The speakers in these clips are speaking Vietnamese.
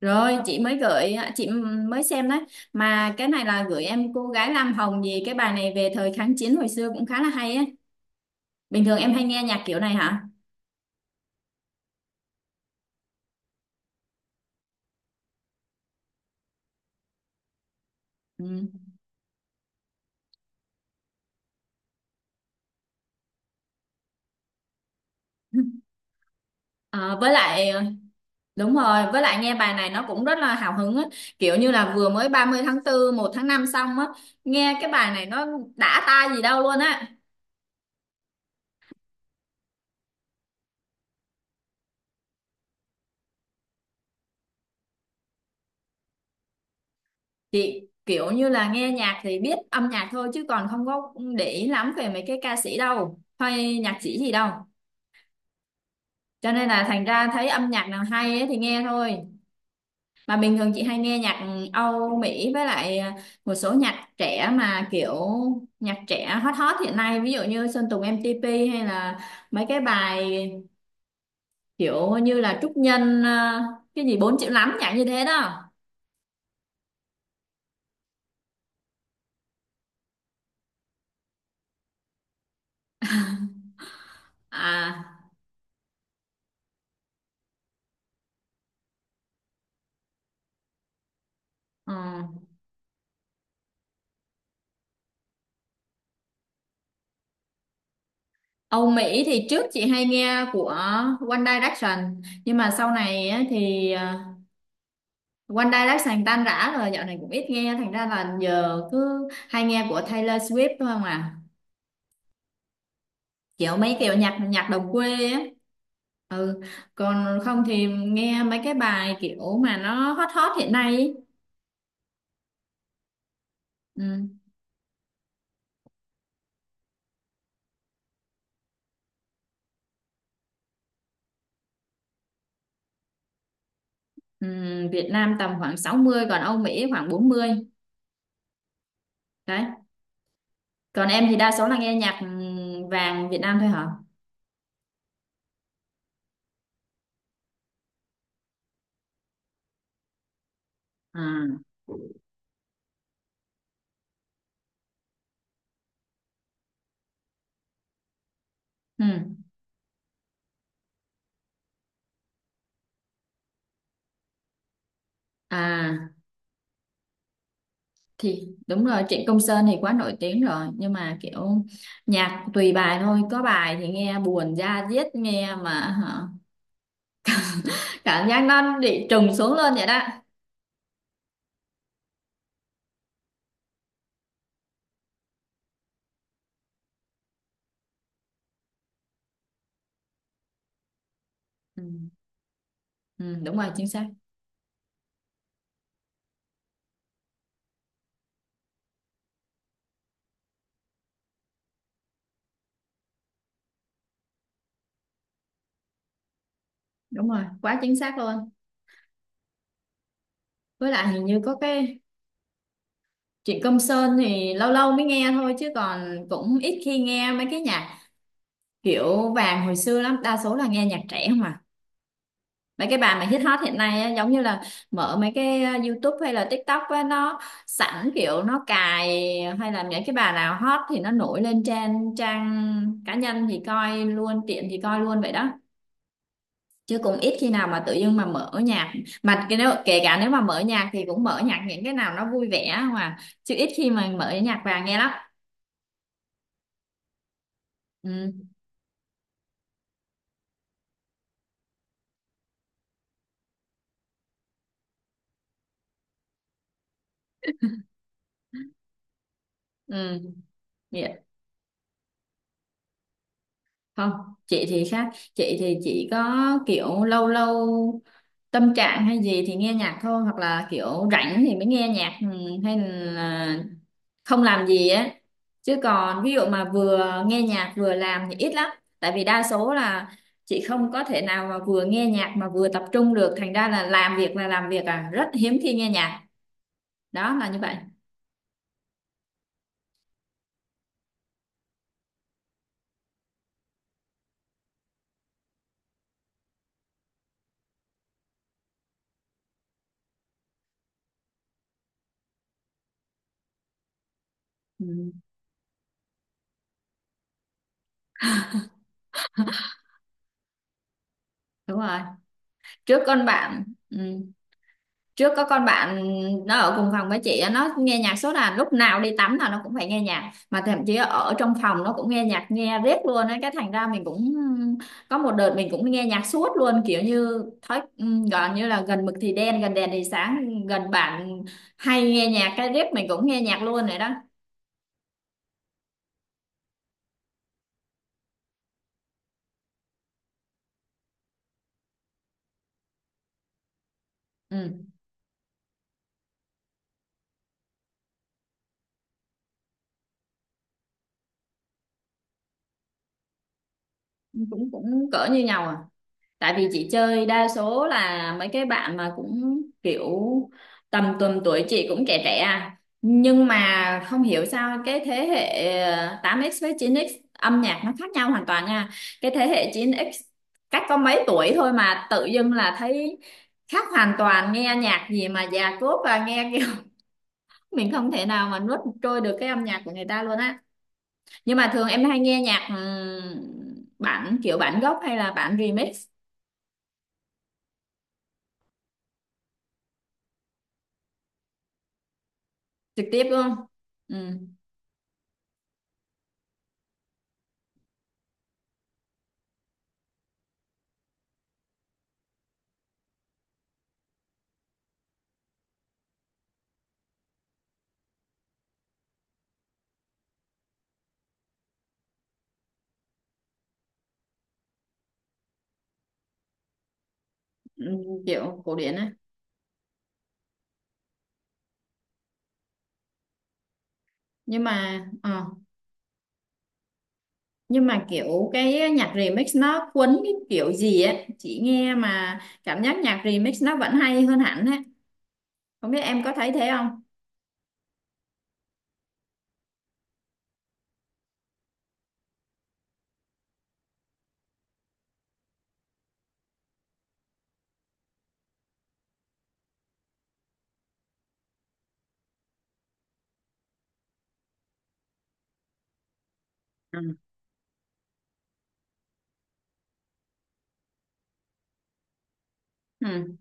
Rồi chị mới gửi, chị mới xem đấy, mà cái này là gửi em cô gái Lam Hồng gì, cái bài này về thời kháng chiến hồi xưa cũng khá là hay á. Bình thường em hay nghe nhạc kiểu này hả? Ừ. Ờ, với lại ờ, đúng rồi, với lại nghe bài này nó cũng rất là hào hứng á, kiểu như là vừa mới 30/4, 1/5 xong á, nghe cái bài này nó đã tai gì đâu luôn á. Chị kiểu như là nghe nhạc thì biết âm nhạc thôi, chứ còn không có để ý lắm về mấy cái ca sĩ đâu hay nhạc sĩ gì đâu, cho nên là thành ra thấy âm nhạc nào hay ấy thì nghe thôi. Mà bình thường chị hay nghe nhạc Âu Mỹ với lại một số nhạc trẻ, mà kiểu nhạc trẻ hot hot hiện nay, ví dụ như Sơn Tùng MTP hay là mấy cái bài kiểu như là Trúc Nhân, cái gì 4 triệu lắm, nhạc như thế đó. À, ừ. Âu Mỹ thì trước chị hay nghe của One Direction, nhưng mà sau này á thì One Direction tan rã rồi, dạo này cũng ít nghe, thành ra là giờ cứ hay nghe của Taylor Swift thôi không à, kiểu mấy kiểu nhạc nhạc đồng quê á. Ừ, còn không thì nghe mấy cái bài kiểu mà nó hot hot hiện nay ý. Ừ. Ừ. Việt Nam tầm khoảng 60, còn Âu Mỹ khoảng 40, đấy. Còn em thì đa số là nghe nhạc vàng Việt Nam thôi hả? À, ừ. À, thì đúng rồi, Trịnh Công Sơn thì quá nổi tiếng rồi, nhưng mà kiểu nhạc tùy bài thôi, có bài thì nghe buồn da diết nghe mà hả, cảm giác nó bị trùng xuống luôn vậy đó. Ừ, ừ, đúng rồi, chính xác. Đúng rồi, quá chính xác luôn, với lại hình như có cái Trịnh Công Sơn thì lâu lâu mới nghe thôi, chứ còn cũng ít khi nghe mấy cái nhạc kiểu vàng hồi xưa lắm, đa số là nghe nhạc trẻ, mà mấy cái bà mà hit hot hiện nay á, giống như là mở mấy cái YouTube hay là TikTok á, nó sẵn kiểu nó cài, hay là những cái bà nào hot thì nó nổi lên trên trang cá nhân thì coi, luôn tiện thì coi luôn vậy đó, chứ cũng ít khi nào mà tự dưng mà mở nhạc, mà cái nếu kể cả nếu mà mở nhạc thì cũng mở nhạc những cái nào nó vui vẻ mà, chứ ít khi mà mở nhạc vàng nghe lắm. Ừ, ừ, dạ. Không, chị thì khác, chị thì chỉ có kiểu lâu lâu tâm trạng hay gì thì nghe nhạc thôi, hoặc là kiểu rảnh thì mới nghe nhạc, hay là không làm gì á, chứ còn ví dụ mà vừa nghe nhạc vừa làm thì ít lắm, tại vì đa số là chị không có thể nào mà vừa nghe nhạc mà vừa tập trung được, thành ra là làm việc à, rất hiếm khi nghe nhạc, đó là như vậy. Ừ, đúng rồi. Trước con bạn, ừ, trước có con bạn nó ở cùng phòng với chị á, nó nghe nhạc suốt, là lúc nào đi tắm là nó cũng phải nghe nhạc, mà thậm chí ở trong phòng nó cũng nghe nhạc, nghe riết luôn ấy, cái thành ra mình cũng có một đợt mình cũng nghe nhạc suốt luôn, kiểu như thói, gọi như là gần mực thì đen gần đèn thì sáng, gần bạn hay nghe nhạc cái riết mình cũng nghe nhạc luôn rồi đó. Ừ. Cũng cũng cỡ như nhau à, tại vì chị chơi đa số là mấy cái bạn mà cũng kiểu tầm tuần tuổi chị cũng trẻ trẻ à, nhưng mà không hiểu sao cái thế hệ 8x với 9x âm nhạc nó khác nhau hoàn toàn nha, cái thế hệ 9x cách có mấy tuổi thôi mà tự dưng là thấy khác hoàn toàn, nghe nhạc gì mà già cốt và nghe kiểu mình không thể nào mà nuốt trôi được cái âm nhạc của người ta luôn á. Nhưng mà thường em hay nghe nhạc, kiểu bản gốc hay là bản remix trực tiếp luôn? Ừ, ừ, kiểu cổ điển á. nhưng mà ờ, nhưng mà kiểu cái nhạc remix nó quấn cái kiểu gì á, chị nghe mà cảm giác nhạc remix nó vẫn hay hơn hẳn á, không biết em có thấy thế không? Ừ. Ừ.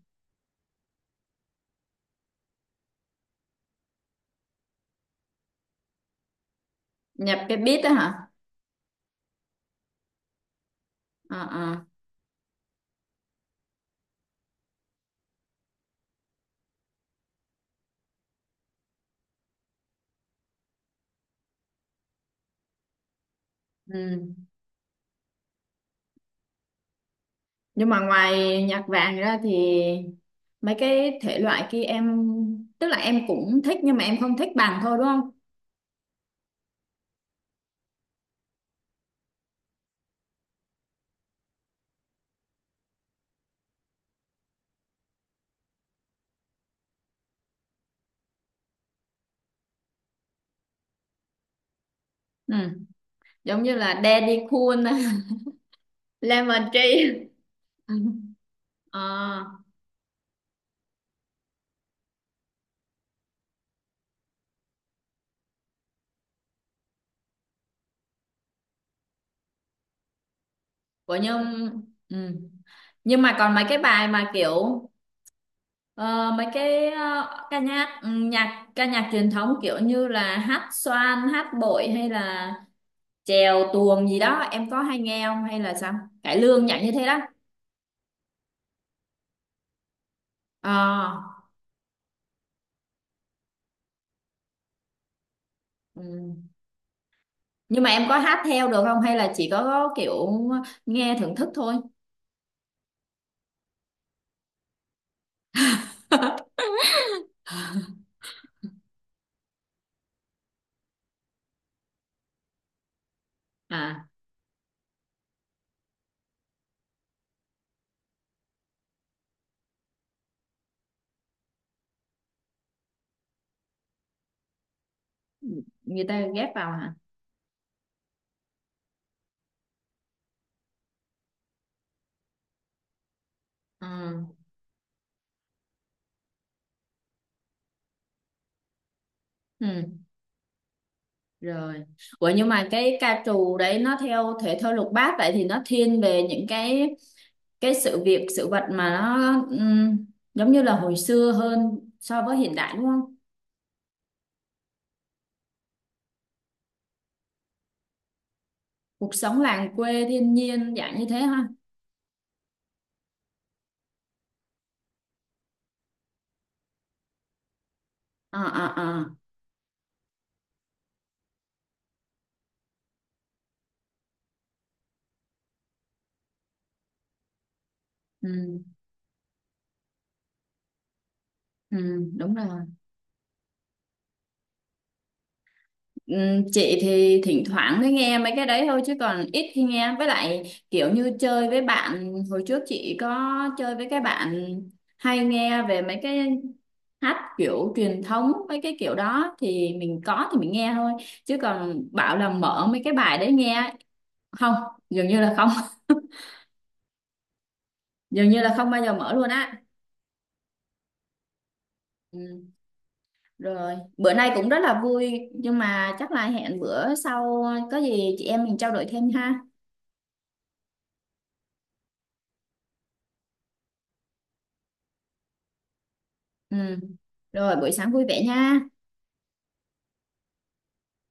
Nhập cái beat đó hả? Ờ, ờ. Ừ, nhưng mà ngoài nhạc vàng ra thì mấy cái thể loại kia em, tức là em cũng thích nhưng mà em không thích bằng thôi, đúng không? Ừ. Giống như là Daddy Cool. Lemon Tree. Ờ, của Nhung. Ừ, nhưng mà còn mấy cái bài mà kiểu ờ, mấy cái ca nhạc, nhạc ca nhạc truyền thống kiểu như là hát xoan, hát bội hay là chèo tuồng gì đó em có hay nghe không hay là sao, cải lương nhảy như thế đó. Ờ, ừ. Nhưng mà em có hát theo được không hay là chỉ có kiểu nghe thưởng thức thôi? À, người ta ghép vào hả? Ừ. Ừ, rồi. Ủa nhưng mà cái ca trù đấy nó theo thể thơ lục bát, vậy thì nó thiên về những cái sự việc sự vật mà nó ừm, giống như là hồi xưa hơn so với hiện đại đúng không, cuộc sống làng quê thiên nhiên dạng như thế ha? Ờ, ờ, ờ. Ừ, ừ, đúng rồi. Chị thì thỉnh thoảng mới nghe mấy cái đấy thôi, chứ còn ít khi nghe, với lại kiểu như chơi với bạn, hồi trước chị có chơi với cái bạn hay nghe về mấy cái hát kiểu truyền thống mấy cái kiểu đó thì mình có thì mình nghe thôi, chứ còn bảo là mở mấy cái bài đấy nghe, không, dường như là không. Dường như là không bao giờ mở luôn á. Ừ, rồi bữa nay cũng rất là vui, nhưng mà chắc là hẹn bữa sau có gì chị em mình trao đổi thêm ha. Ừ, rồi buổi sáng vui vẻ nha.